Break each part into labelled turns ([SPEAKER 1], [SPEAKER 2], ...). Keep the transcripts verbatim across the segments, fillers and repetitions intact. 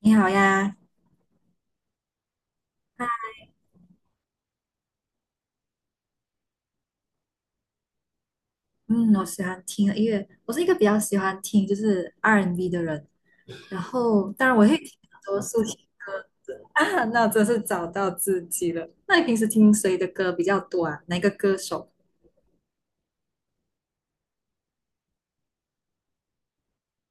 [SPEAKER 1] 你好呀，啊，嗯，我喜欢听音乐，我是一个比较喜欢听就是 R and B N 的人，然后当然我会听很多抒情歌啊，那我真是找到自己了。那你平时听谁的歌比较多啊？哪个歌手？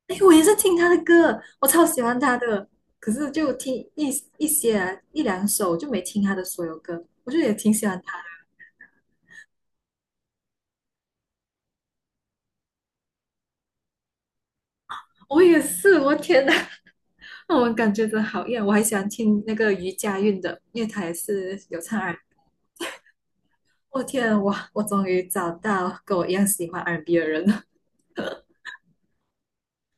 [SPEAKER 1] 哎，我也是听他的歌，我超喜欢他的，可是就听一一些啊一两首，就没听他的所有歌，我就也挺喜欢他。我也是，我天呐，我们感觉真好一样。我还喜欢听那个余佳运的，因为他也是有唱我天啊，我我终于找到跟我一样喜欢 R and B 的人了。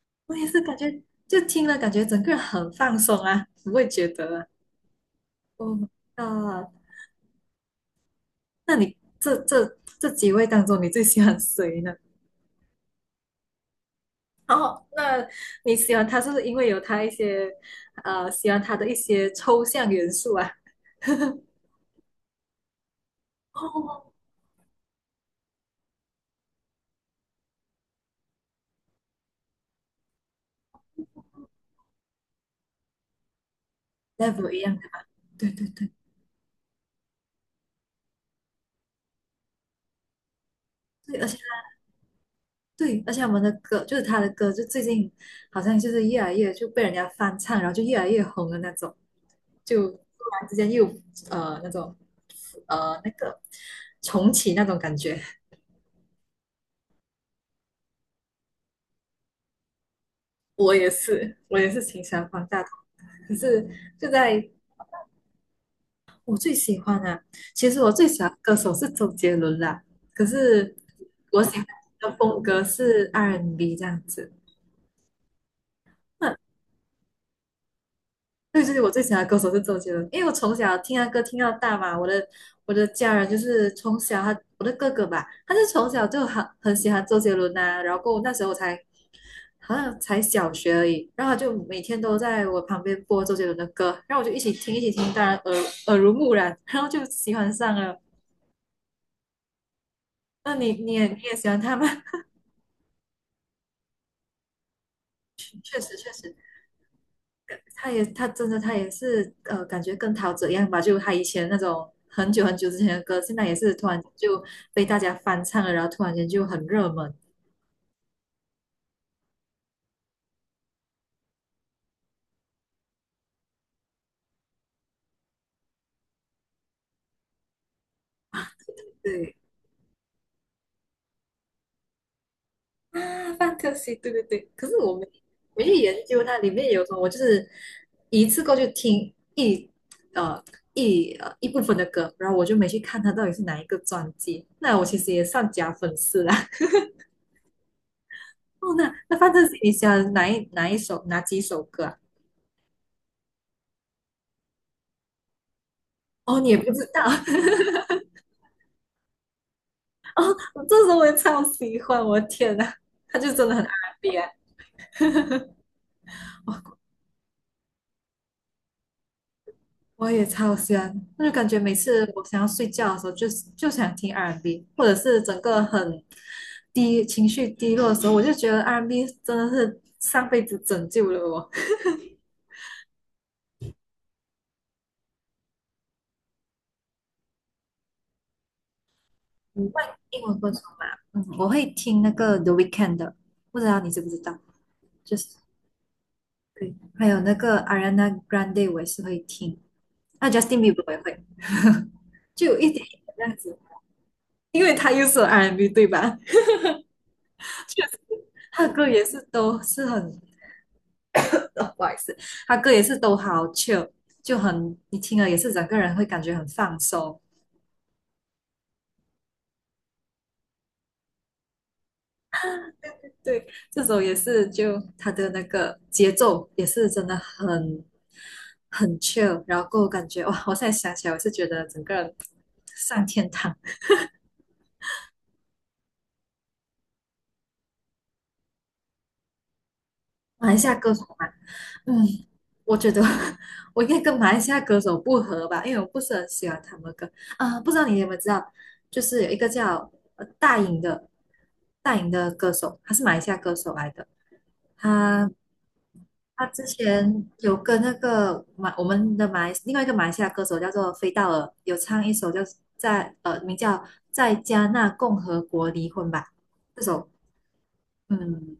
[SPEAKER 1] 我也是感觉，就听了感觉整个人很放松啊，不会觉得啊。哦，啊，那你这这这几位当中，你最喜欢谁呢？哦，那你喜欢他是不是因为有他一些呃，喜欢他的一些抽象元素啊？哦，level 一样的吧？对对对，对，而且对，而且我们的歌就是他的歌，就最近好像就是越来越就被人家翻唱，然后就越来越红的那种。就突然之间又呃那种呃那个重启那种感觉。我也是，我也是挺喜欢方大同，可是就在我最喜欢啊，其实我最喜欢的歌手是周杰伦啦，可是我喜欢的风格是 R&B 这样子。那对是我最喜欢的歌手是周杰伦，因为我从小听他歌听到大嘛，我的我的家人就是从小他我的哥哥吧，他就从小就很很喜欢周杰伦呐、啊然后过后那时候我才好像才小学而已，然后他就每天都在我旁边播周杰伦的歌，然后我就一起听一起听，当然耳耳濡目染，然后就喜欢上了。那你你也你也喜欢他吗？确实确实。他也他真的他也是呃，感觉跟陶喆一样吧，就他以前那种很久很久之前的歌，现在也是突然就被大家翻唱了，然后突然间就很热门。对啊，f a n t a s y 对对对。可是我没没去研究它里面有什么，我就是一次过去听一呃一呃一部分的歌，然后我就没去看它到底是哪一个专辑。那我其实也算假粉丝啦。哦，那那范特西，你喜欢哪一哪一首哪几首歌啊？哦，你也不知道。我这时候我也超喜欢，我的天呐，他就真的很 R and B 啊，我也超喜欢，我就感觉每次我想要睡觉的时候就，就想听 R and B,或者是整个很低情绪低落的时候，我就觉得 R and B 真的是上辈子拯救了我。你会英文歌手吗？嗯，我会听那个 The Weeknd 的，不知道你知不知道？就是对，还有那个 Ariana Grande 我也是会听，那 Justin Bieber 我也会，就有一点点这样子，因为他又是 R and B 对吧？他歌也是都是很，不好意思，他歌也是都好 chill,就很你听了也是整个人会感觉很放松。对，这首也是就他的那个节奏也是真的很很 chill,然后感觉哇，我现在想起来我是觉得整个人上天堂。马来西亚歌手嘛，嗯，我觉得 我应该跟马来西亚歌手不合吧，因为我不是很喜欢他们的歌啊、不知道你有没有知道，就是有一个叫呃大颖的大颖的歌手，他是马来西亚歌手来的。他他之前有跟那个马我们的马来另外一个马来西亚歌手叫做飞道尔，有唱一首叫在呃名叫在加纳共和国离婚吧这首，嗯，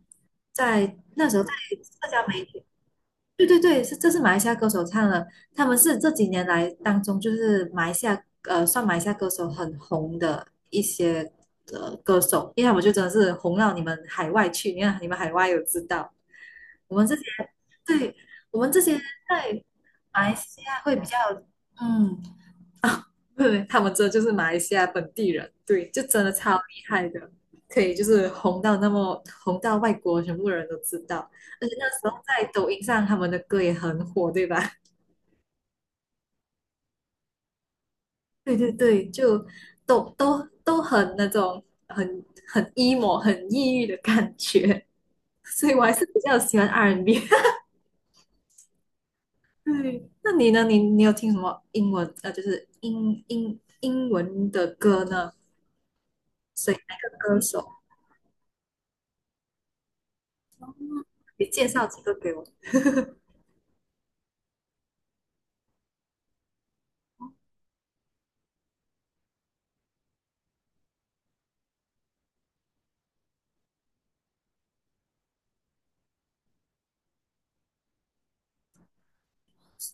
[SPEAKER 1] 在那时候在社交媒对对对，是这是马来西亚歌手唱的，他们是这几年来当中就是马来西亚呃算马来西亚歌手很红的一些呃歌手，因为他们就真的是红到你们海外去，你看你们海外有知道，我们这些对我们这些在马来西亚会比较嗯 啊，对，他们这就是马来西亚本地人，对，就真的超厉害的，可以就是红到那么红到外国全部人都知道，而且那时候在抖音上他们的歌也很火，对吧？对对对，就都都都很那种很很 emo 很抑郁的感觉，所以我还是比较喜欢 R and B n。对，那你呢？你你有听什么英文呃，就是英英英文的歌呢？谁那个歌手？你介绍几个给我。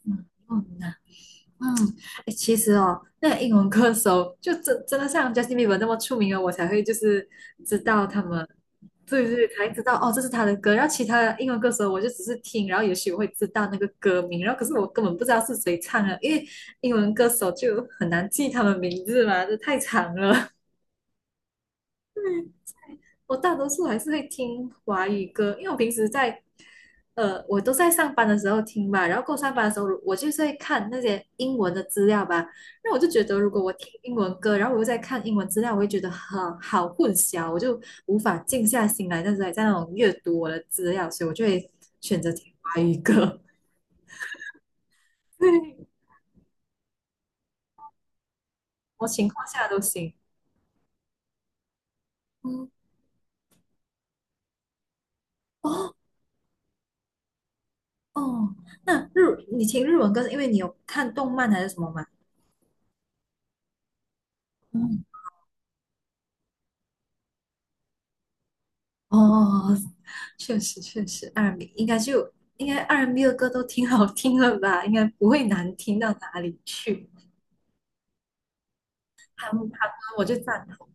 [SPEAKER 1] 嗯，嗯呐，嗯，哎，其实哦，那个英文歌手就真真的像 Justin Bieber 那么出名了，我才会就是知道他们，对对，才知道哦，这是他的歌。然后其他的英文歌手，我就只是听，然后也许我会知道那个歌名，然后可是我根本不知道是谁唱的，因为英文歌手就很难记他们名字嘛，这太长了。我大多数还是会听华语歌，因为我平时在，呃，我都在上班的时候听吧，然后过上班的时候，我就是会看那些英文的资料吧。那我就觉得，如果我听英文歌，然后我又在看英文资料，我会觉得很好混淆，我就无法静下心来，但是还在那种阅读我的资料，所以我就会选择听华语歌，对，什么情况下都行。嗯，哦哦，那日你听日文歌是因为你有看动漫还是什么吗？嗯，哦，确实确实 r 米应该就应该 r 米的歌都挺好听的吧，应该不会难听到哪里去。韩韩文我就赞同，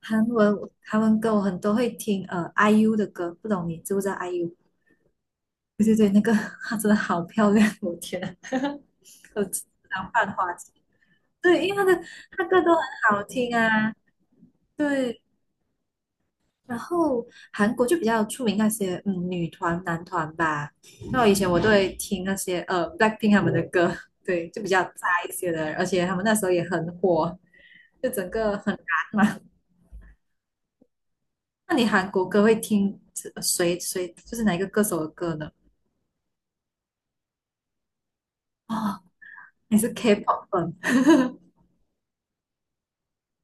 [SPEAKER 1] 韩文韩文歌我很多会听，呃，I U 的歌，不懂你知不知道 I U？对对对，那个 她真的好漂亮，我天啊，我只想犯花痴。对，因为她的她歌都很好听啊，对。然后韩国就比较出名那些嗯女团、男团吧。那我以前我都会听那些呃 BLACKPINK 他们的歌，对，就比较炸一些的，而且他们那时候也很火，就整个很燃嘛。那你韩国歌会听谁谁就是哪一个歌手的歌呢？哦，你是 K-pop 粉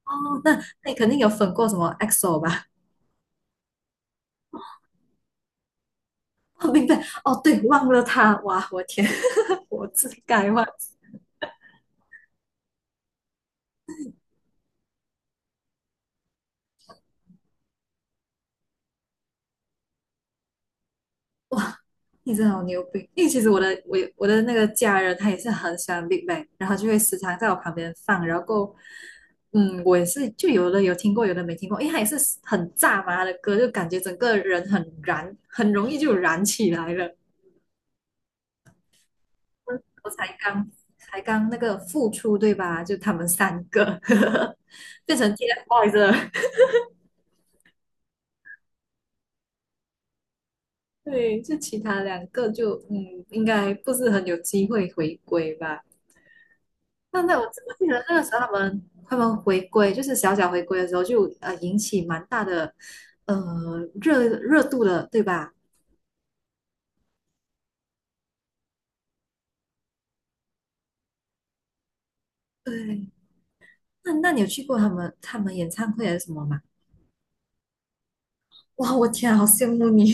[SPEAKER 1] 哦，那那你肯定有粉过什么 EXO 吧？哦，明白，哦，对，忘了他，哇，我天，我自己改忘。你真的好牛逼！因为其实我的我我的那个家人他也是很喜欢 Big Bang,然后就会时常在我旁边放，然后过，嗯，我也是就有的有听过，有的没听过，因为他也是很炸嘛的歌，就感觉整个人很燃，很容易就燃起来了。我才刚才刚那个复出对吧？就他们三个 变成 TFBOYS 了，对，就其他两个就嗯，应该不是很有机会回归吧。但那我真的记得那个时候他们他们回归，就是小小回归的时候就呃引起蛮大的呃热热度的，对吧？对，那那你有去过他们他们演唱会还是什么吗？哇，我天啊好羡慕你！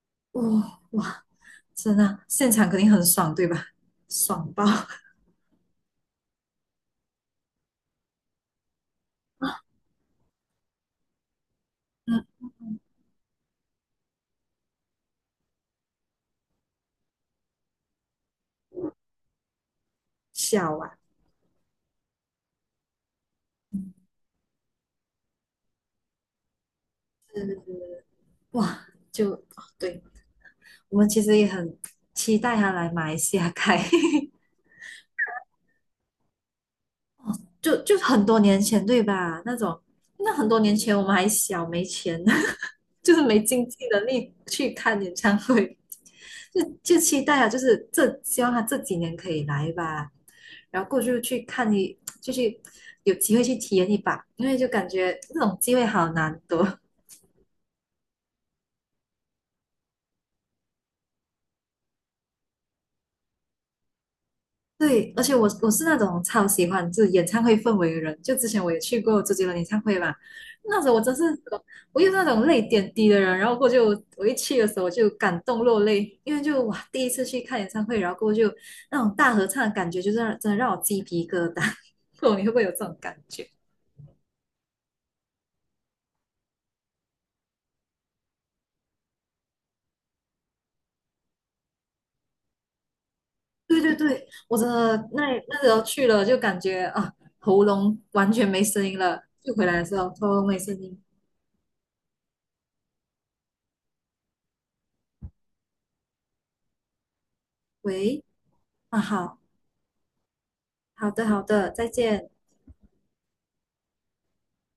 [SPEAKER 1] 哇哇，真的啊现场肯定很爽，对吧？爽爆！嗯，笑啊，嗯，哇，就哦对，我们其实也很期待他来马来西亚开。就就很多年前对吧？那种那很多年前我们还小没钱，就是没经济能力去看演唱会，就就期待啊，就是这希望他这几年可以来吧，然后过去去看一，就去有机会去体验一把，因为就感觉这种机会好难得。对，而且我我是那种超喜欢就是演唱会氛围的人，就之前我也去过周杰伦演唱会嘛，那时候我真是我又是那种泪点低的人，然后过后就我一去的时候就感动落泪，因为就哇第一次去看演唱会，然后过后就那种大合唱的感觉，就是让真的让我鸡皮疙瘩，不懂你会不会有这种感觉？对对对，我真的那那时候去了就感觉啊喉咙完全没声音了，就回来的时候喉咙没声音，喂啊好好的好的再见。